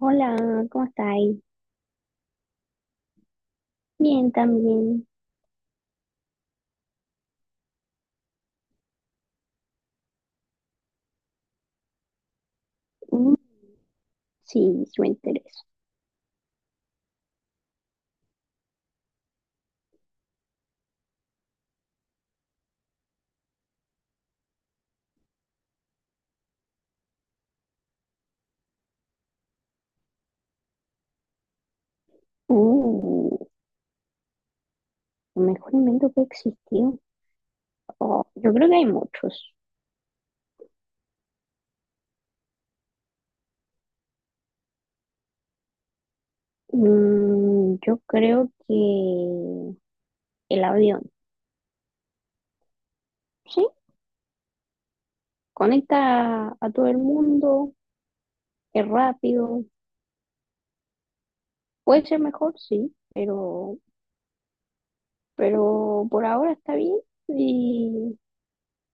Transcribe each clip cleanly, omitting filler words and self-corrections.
Hola, ¿cómo estáis? Bien, también. Mm, sí, sí me interesa. Uh, el mejor invento que existió. Oh, yo creo que hay muchos. Yo creo que el avión, ¿sí? Conecta a todo el mundo, es rápido. Puede ser mejor, sí, pero por ahora está bien. Y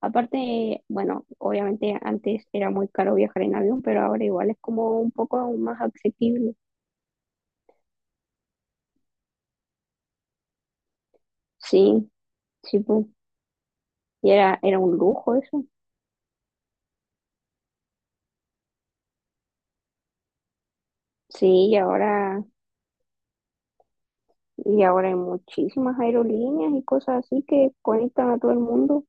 aparte, bueno, obviamente antes era muy caro viajar en avión, pero ahora igual es como un poco más accesible. Sí, sí, pu. Y era un lujo eso. Sí, y ahora hay muchísimas aerolíneas y cosas así que conectan a todo el mundo.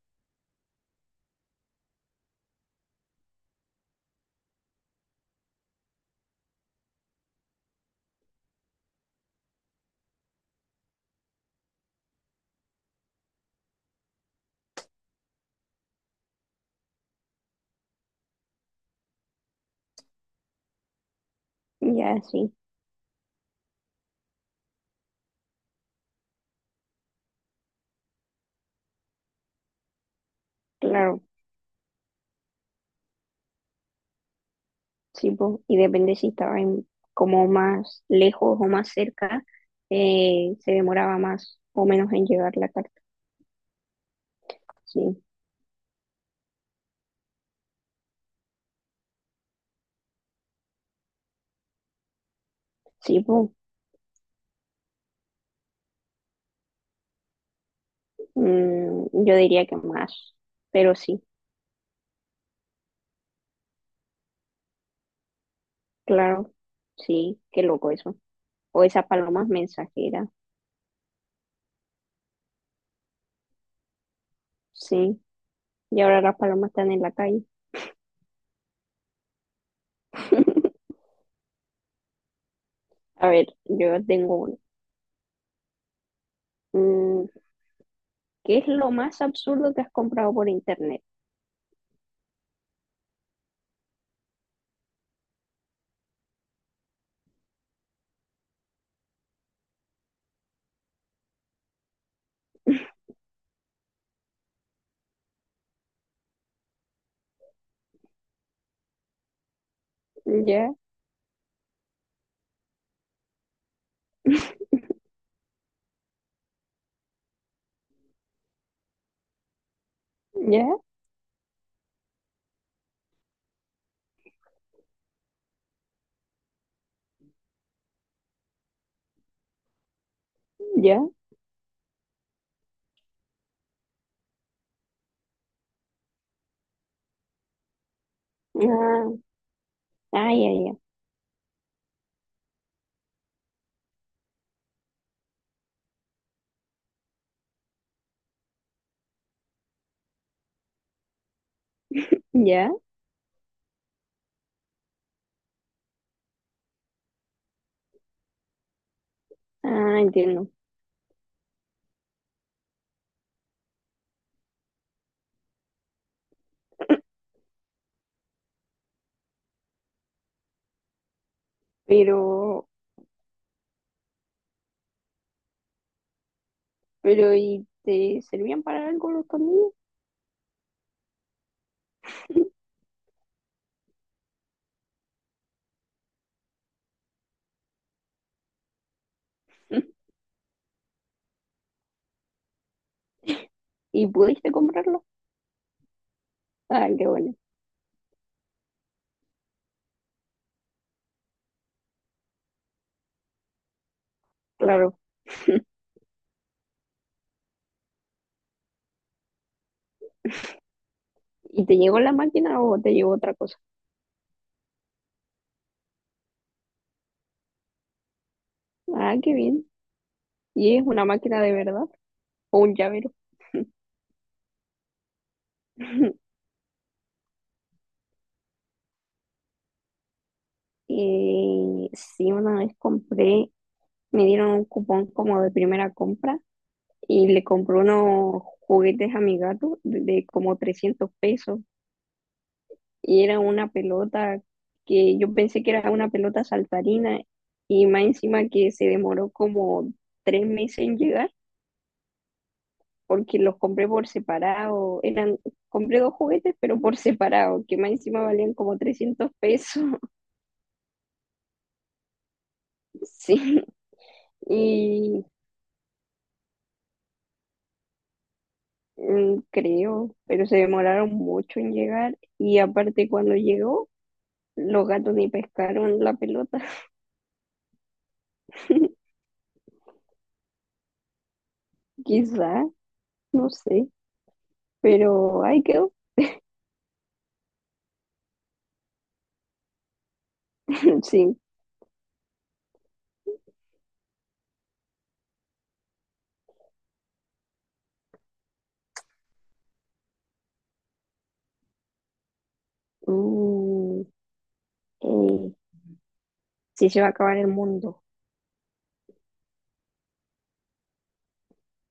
Ya, sí, claro, sí, pu. Y depende si como más lejos o más cerca, se demoraba más o menos en llegar la carta. Sí, sí, pu. Yo diría que más, pero sí, claro, sí, qué loco eso. O esas palomas mensajeras, sí. Y ahora las palomas están en la calle. A ver, yo tengo uno. Mm, ¿Qué es lo más absurdo que has comprado por internet? ¿Ya? ¿Ya? ¿Ya? Ah, ah, ya, ya. ¿Ya? Ah, entiendo. Pero, pero, ¿y te servían para algo los tornillos? ¿Y pudiste comprarlo? Ah, qué bueno. Claro. ¿Y te llegó la máquina o te llegó otra cosa? Ah, qué bien. ¿Y es una máquina de verdad? ¿O un llavero? Sí, una vez compré, me dieron un cupón como de primera compra y le compré unos juguetes a mi gato de como 300 pesos, y era una pelota que yo pensé que era una pelota saltarina, y más encima que se demoró como 3 meses en llegar porque los compré por separado. Compré dos juguetes pero por separado, que más encima valían como 300 pesos. Sí, y creo, pero se demoraron mucho en llegar, y aparte cuando llegó, los gatos ni pescaron la pelota. Quizá, no sé, pero ahí quedó. Sí. Mm, eh, sí se va a acabar el mundo.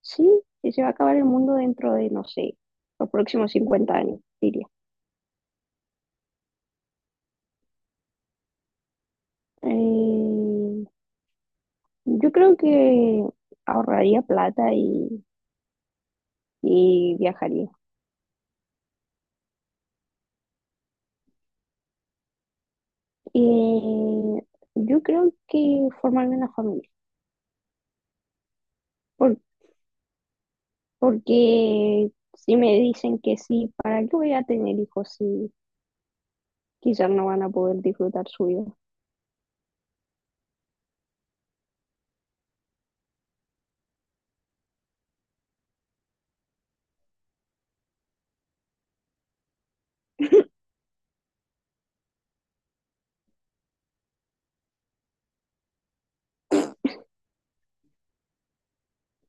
Sí, sí se va a acabar el mundo dentro de, no sé, los próximos 50 años, diría. Eh, yo creo que ahorraría plata y viajaría. Eh, yo creo que formarme una familia, por- porque si me dicen que sí, ¿para qué voy a tener hijos si quizás no van a poder disfrutar su vida?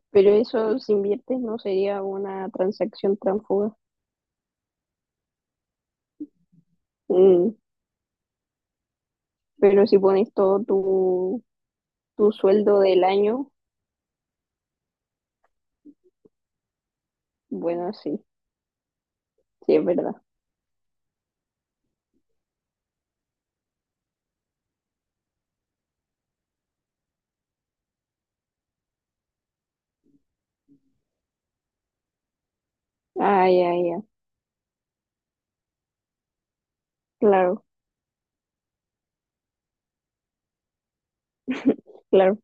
Pero eso si inviertes no sería una transacción transfuga. Mm, pero si pones todo tu sueldo del año, bueno, sí, sí es verdad. Ay, ay, ay, claro, claro.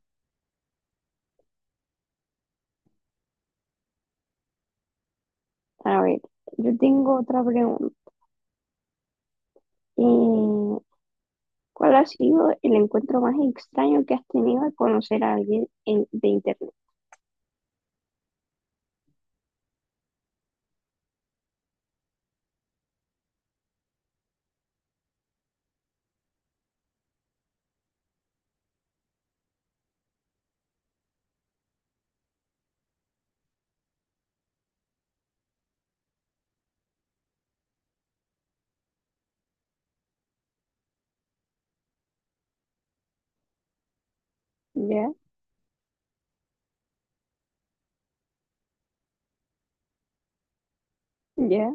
A ver, yo tengo otra pregunta. Eh, ¿Cuál ha sido el encuentro más extraño que has tenido al conocer a alguien de internet? Ya, ya,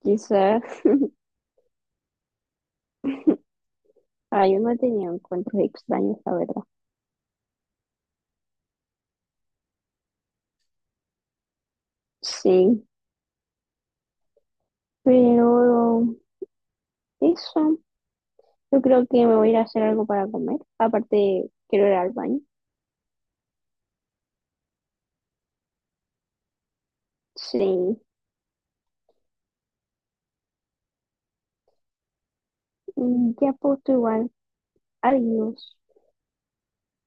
quizás. Ah, yo no he tenido encuentros extraños, la verdad. Sí, pero eso, yo creo que me voy a ir a hacer algo para comer. Aparte, quiero ir al baño. Sí, ya pues tú igual. Adiós.